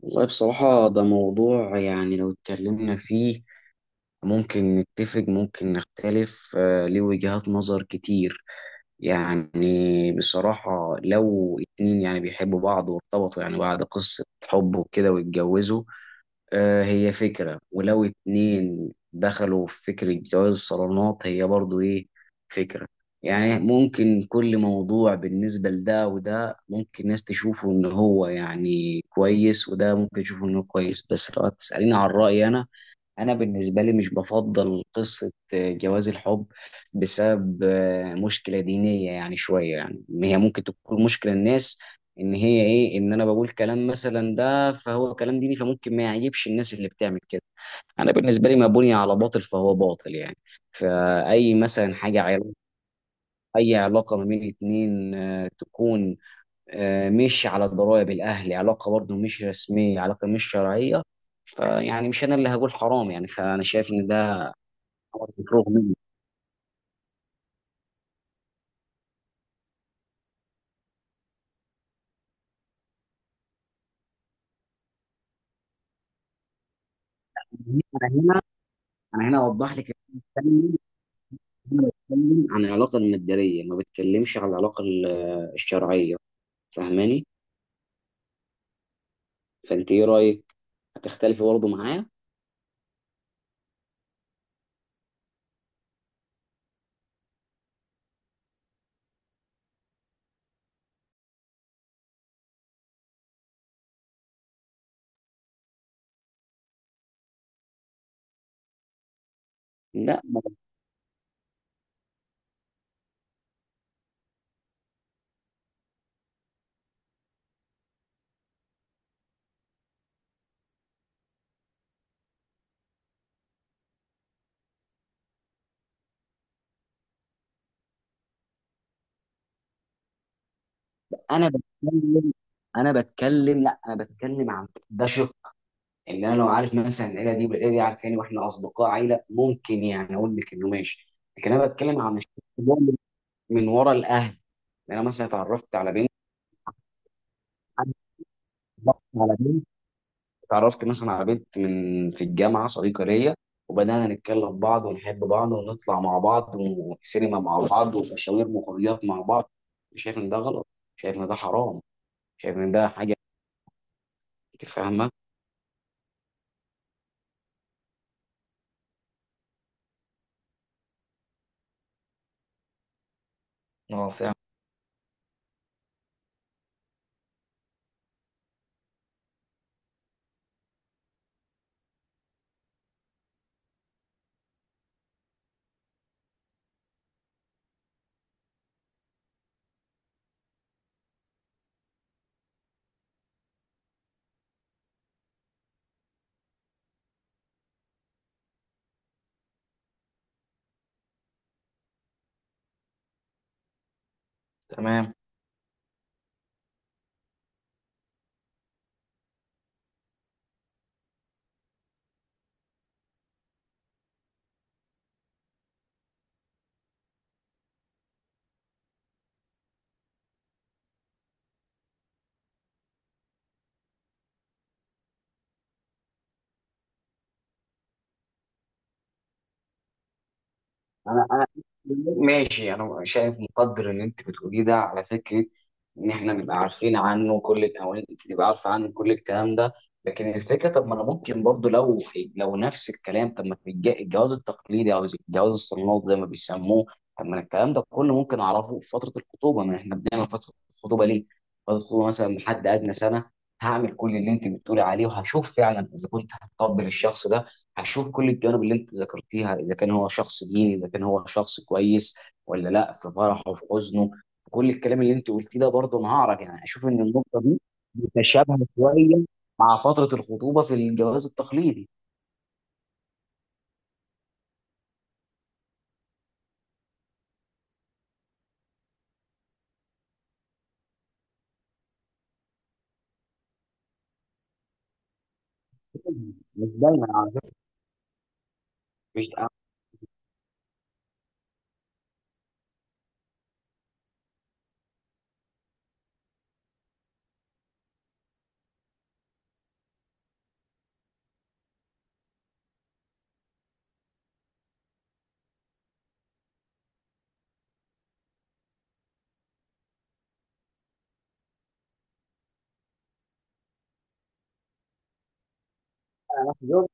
والله بصراحة ده موضوع، يعني لو اتكلمنا فيه ممكن نتفق، ممكن نختلف، ليه وجهات نظر كتير. يعني بصراحة لو اتنين يعني بيحبوا بعض وارتبطوا يعني بعد قصة حب وكده واتجوزوا، هي فكرة، ولو اتنين دخلوا في فكرة جواز الصالونات هي برضو ايه، فكرة. يعني ممكن كل موضوع بالنسبة لده وده، ممكن ناس تشوفه ان هو يعني كويس، وده ممكن يشوفه انه كويس، بس لو تسأليني عن رأيي انا بالنسبه لي مش بفضل قصه جواز الحب، بسبب مشكله دينيه، يعني شويه. يعني هي ممكن تكون مشكله الناس ان هي ايه، ان انا بقول كلام مثلا ده فهو كلام ديني، فممكن ما يعجبش الناس اللي بتعمل كده. انا بالنسبه لي ما بني على باطل فهو باطل، يعني فاي مثلا حاجه، علاقه، اي علاقه ما بين اتنين تكون مش على ضرائب الاهل، علاقه برضه مش رسميه، علاقه مش شرعيه، فيعني مش انا اللي هقول حرام، يعني فانا شايف ان ده رغم، إن انا هنا اوضح لك إن أنا بتكلم عن العلاقه المادية، ما بتكلمش عن العلاقه الشرعيه. فاهماني؟ فانت ايه رايك؟ هتختلفي برضه معايا؟ لا، ما بت- انا بتكلم انا بتكلم، لا، انا بتكلم عن ده، شق ان انا لو عارف مثلا العيله دي والعيله دي عارفاني واحنا اصدقاء عيله، ممكن يعني اقول لك انه ماشي، لكن انا بتكلم عن الشق اللي هو من ورا الاهل. يعني انا مثلا بنت اتعرفت مثلا على بنت من في الجامعه، صديقه ليا، وبدانا نتكلم بعض ونحب بعض ونطلع مع بعض وسينما مع بعض ومشاوير وخروجات مع بعض، شايف ان ده غلط؟ شايف ان ده حرام؟ شايف ان ده حاجه؟ انت فاهمه؟ اه، فاهم. تمام. انا ماشي، انا شايف، مقدر اللي انت بتقوليه ده على فكره، ان احنا نبقى عارفين عنه او انت تبقى عارفه عنه كل الكلام ده، لكن الفكره، طب ما انا ممكن برضو لو، نفس الكلام، طب ما في الجواز التقليدي او جواز الصالونات زي ما بيسموه، طب ما أنا الكلام ده كله ممكن اعرفه في فتره الخطوبه، ما احنا بنعمل فتره الخطوبه ليه؟ فتره الخطوبه مثلا لحد ادنى سنه، هعمل كل اللي انت بتقولي عليه، وهشوف فعلا اذا كنت هتقبل الشخص ده، هشوف كل الجوانب اللي انت ذكرتيها، اذا كان هو شخص ديني، اذا كان هو شخص كويس ولا لا، في فرحه، في حزنه، في كل الكلام اللي انت قلتيه ده، برضه انا هعرف، يعني اشوف ان النقطه دي متشابهه شويه مع فتره الخطوبه في الجواز التقليدي. مش دايما على فكره، مش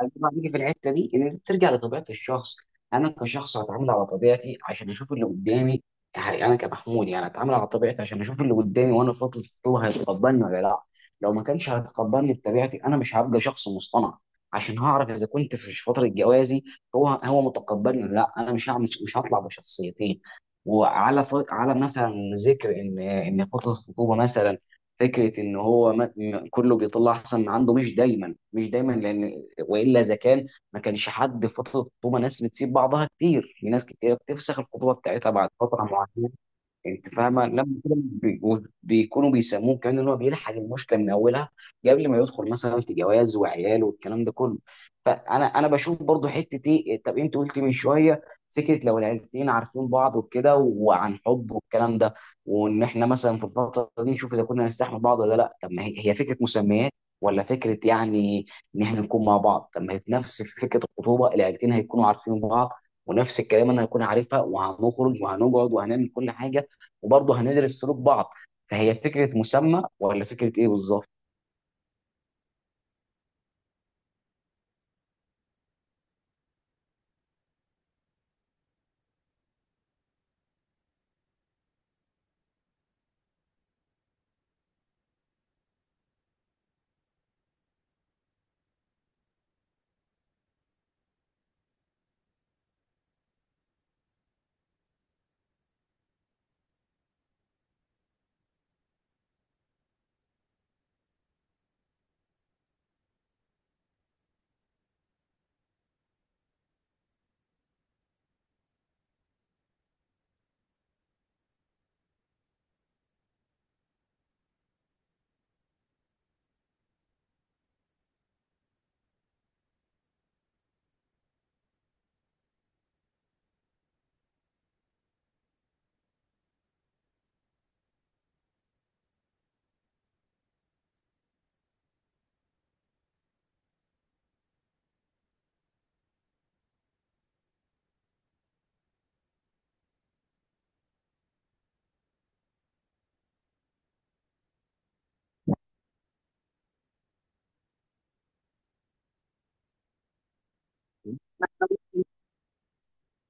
هيجمع، بيجي في الحته دي ان انت ترجع لطبيعه الشخص، انا كشخص هتعامل على طبيعتي عشان اشوف اللي قدامي، انا كمحمود يعني هتعامل على طبيعتي عشان اشوف اللي قدامي، وانا في فتره الخطوبه هيتقبلني ولا لا. لو ما كانش هيتقبلني بطبيعتي انا مش هبقى شخص مصطنع عشان هعرف اذا كنت في فتره جوازي هو متقبلني ولا لا، انا مش هعمل، مش هطلع بشخصيتين. وعلى ف... على مثلا، ذكر ان فتره الخطوبه مثلا، فكره ان هو ما... م- كله بيطلع احسن ما عنده، مش دايما، مش دايما، لان والا اذا كان ما كانش حد في فتره الخطوبه، ناس بتسيب بعضها كتير، في ناس كتير بتفسخ الخطوبه بتاعتها بعد فتره معينه. انت فاهمه لما كده بيكونوا بيسموه كمان ان هو بيلحق المشكله من اولها قبل ما يدخل مثلا في جواز وعيال والكلام ده كله. فانا بشوف برضو حته ايه، طب انت قلت من شويه فكره لو العيلتين عارفين بعض وكده وعن حب والكلام ده، وان احنا مثلا في الفتره دي نشوف اذا كنا نستحمل بعض ولا لا. طب ما هي فكره مسميات، ولا فكره، يعني ان احنا نكون مع بعض، طب ما هي نفس فكره الخطوبه، العيلتين هيكونوا عارفين بعض، ونفس الكلام انا هكون عارفها، وهنخرج وهنقعد وهنعمل كل حاجه، وبرضه هندرس سلوك بعض، فهي فكره مسمى ولا فكره ايه؟ بالظبط.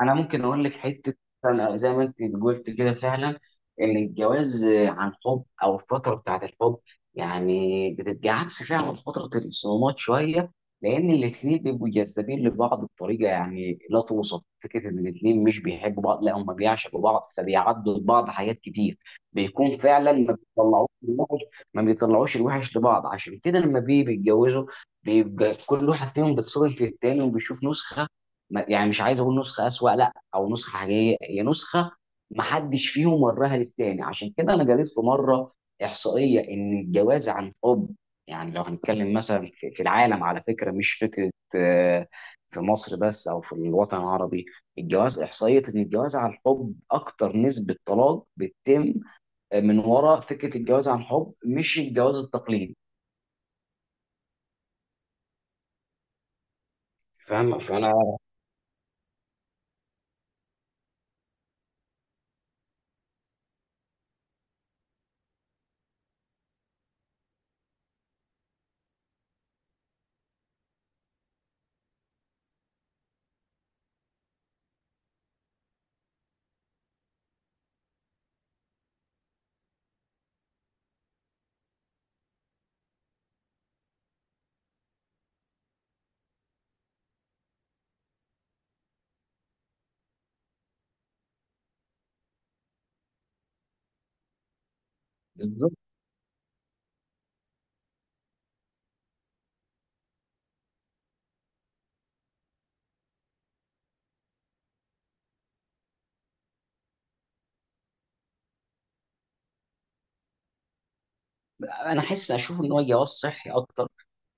انا ممكن اقول لك حته، أنا زي ما انت قلت كده فعلا، ان الجواز عن حب او الفتره بتاعه الحب يعني بتبقى عكس فعلا فتره الصدمات شويه، لان الاثنين بيبقوا جذابين لبعض بطريقه يعني لا توصف، فكره ان الاثنين مش بيحبوا بعض، لا، هم بيعشقوا بعض، فبيعدوا لبعض حاجات كتير، بيكون فعلا ما بيطلعوش الوحش، ما بيطلعوش الوحش لبعض. عشان كده لما بيجي بيتجوزوا بيبقى كل واحد فيهم بيتصادم في التاني، وبيشوف نسخه، يعني مش عايز اقول نسخه اسوأ، لا، او نسخه حقيقيه، هي نسخه ما حدش فيهم وراها للتاني. عشان كده انا قريت في مره احصائيه ان الجواز عن حب، يعني لو هنتكلم مثلا في العالم، على فكره مش فكره، آه، في مصر بس او في الوطن العربي، الجواز، احصائيه ان الجواز عن حب اكتر نسبه طلاق بتتم من وراء فكره الجواز عن حب، مش الجواز التقليدي. فاهم؟ فانا بالظبط، انا احس اشوف ان هو جواز صحي اكتر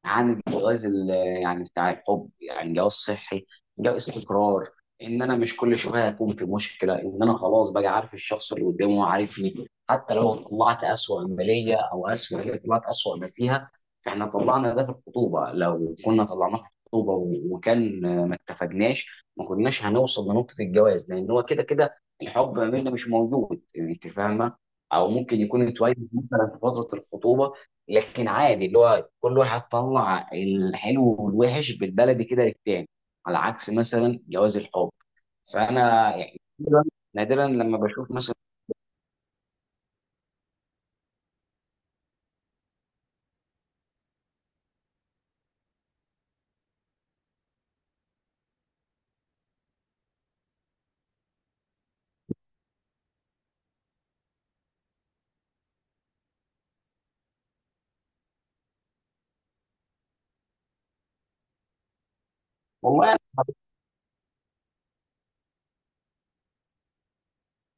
عن الجواز يعني بتاع الحب، يعني جواز صحي، جواز استقرار، ان انا مش كل شويه هكون في مشكله، ان انا خلاص بقى عارف الشخص اللي قدامي، هو عارفني، حتى لو طلعت اسوأ ما ليا، او اسوأ، هي طلعت اسوأ ما فيها، فاحنا طلعنا ده في الخطوبه، لو كنا طلعناه في الخطوبه وكان ما اتفقناش، ما كناش هنوصل لنقطه الجواز، لان هو كده كده الحب ما بيننا مش موجود، انت فاهمه، او ممكن يكون اتولد مثلا في فتره الخطوبه، لكن عادي اللي هو كل واحد طلع الحلو والوحش بالبلدي كده للتاني، على عكس مثلا جواز الحب. فانا يعني نادراً لما بشوف مثلا. والله،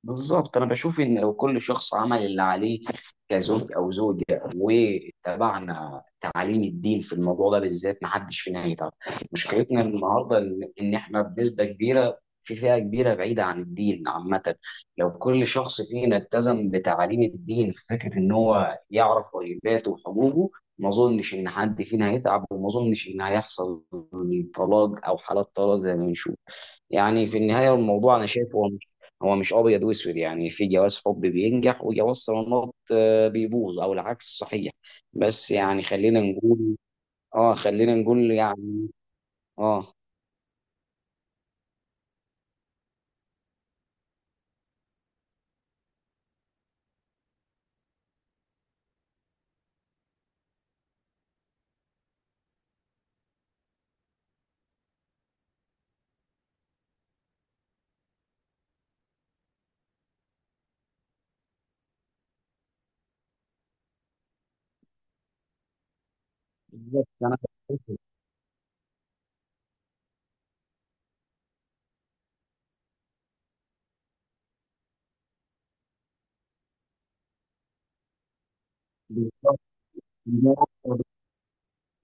بالظبط، انا بشوف ان لو كل شخص عمل اللي عليه كزوج او زوجه، واتبعنا تعاليم الدين في الموضوع ده بالذات، ما حدش فينا هيتعب. مشكلتنا النهارده إن احنا بنسبه كبيره، في فئه كبيره بعيده عن الدين عامه، لو كل شخص فينا التزم بتعاليم الدين في فكره ان هو يعرف واجباته وحقوقه، ما اظنش ان حد فينا هيتعب، وما اظنش ان هيحصل طلاق او حالات طلاق زي ما بنشوف. يعني في النهاية الموضوع أنا شايف هو مش، هو مش أبيض وأسود، يعني في جواز حب بينجح، وجواز صالونات بيبوظ، أو العكس صحيح. بس يعني خلينا نقول، خلينا نقول يعني، آه بالظبط.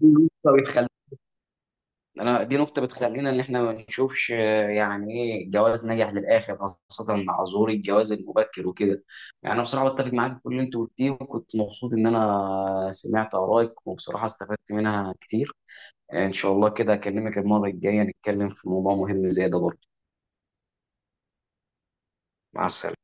بالظبط، انا دي نقطه بتخلينا ان احنا ما نشوفش، يعني ايه جواز نجح للاخر، خاصه مع ظهور الجواز المبكر وكده. يعني انا بصراحه بتفق معاك في كل اللي انت قلتيه، وكنت مبسوط ان انا سمعت ارائك، وبصراحه استفدت منها كتير. ان شاء الله كده اكلمك المره الجايه نتكلم في موضوع مهم زي ده برضه. مع السلامه.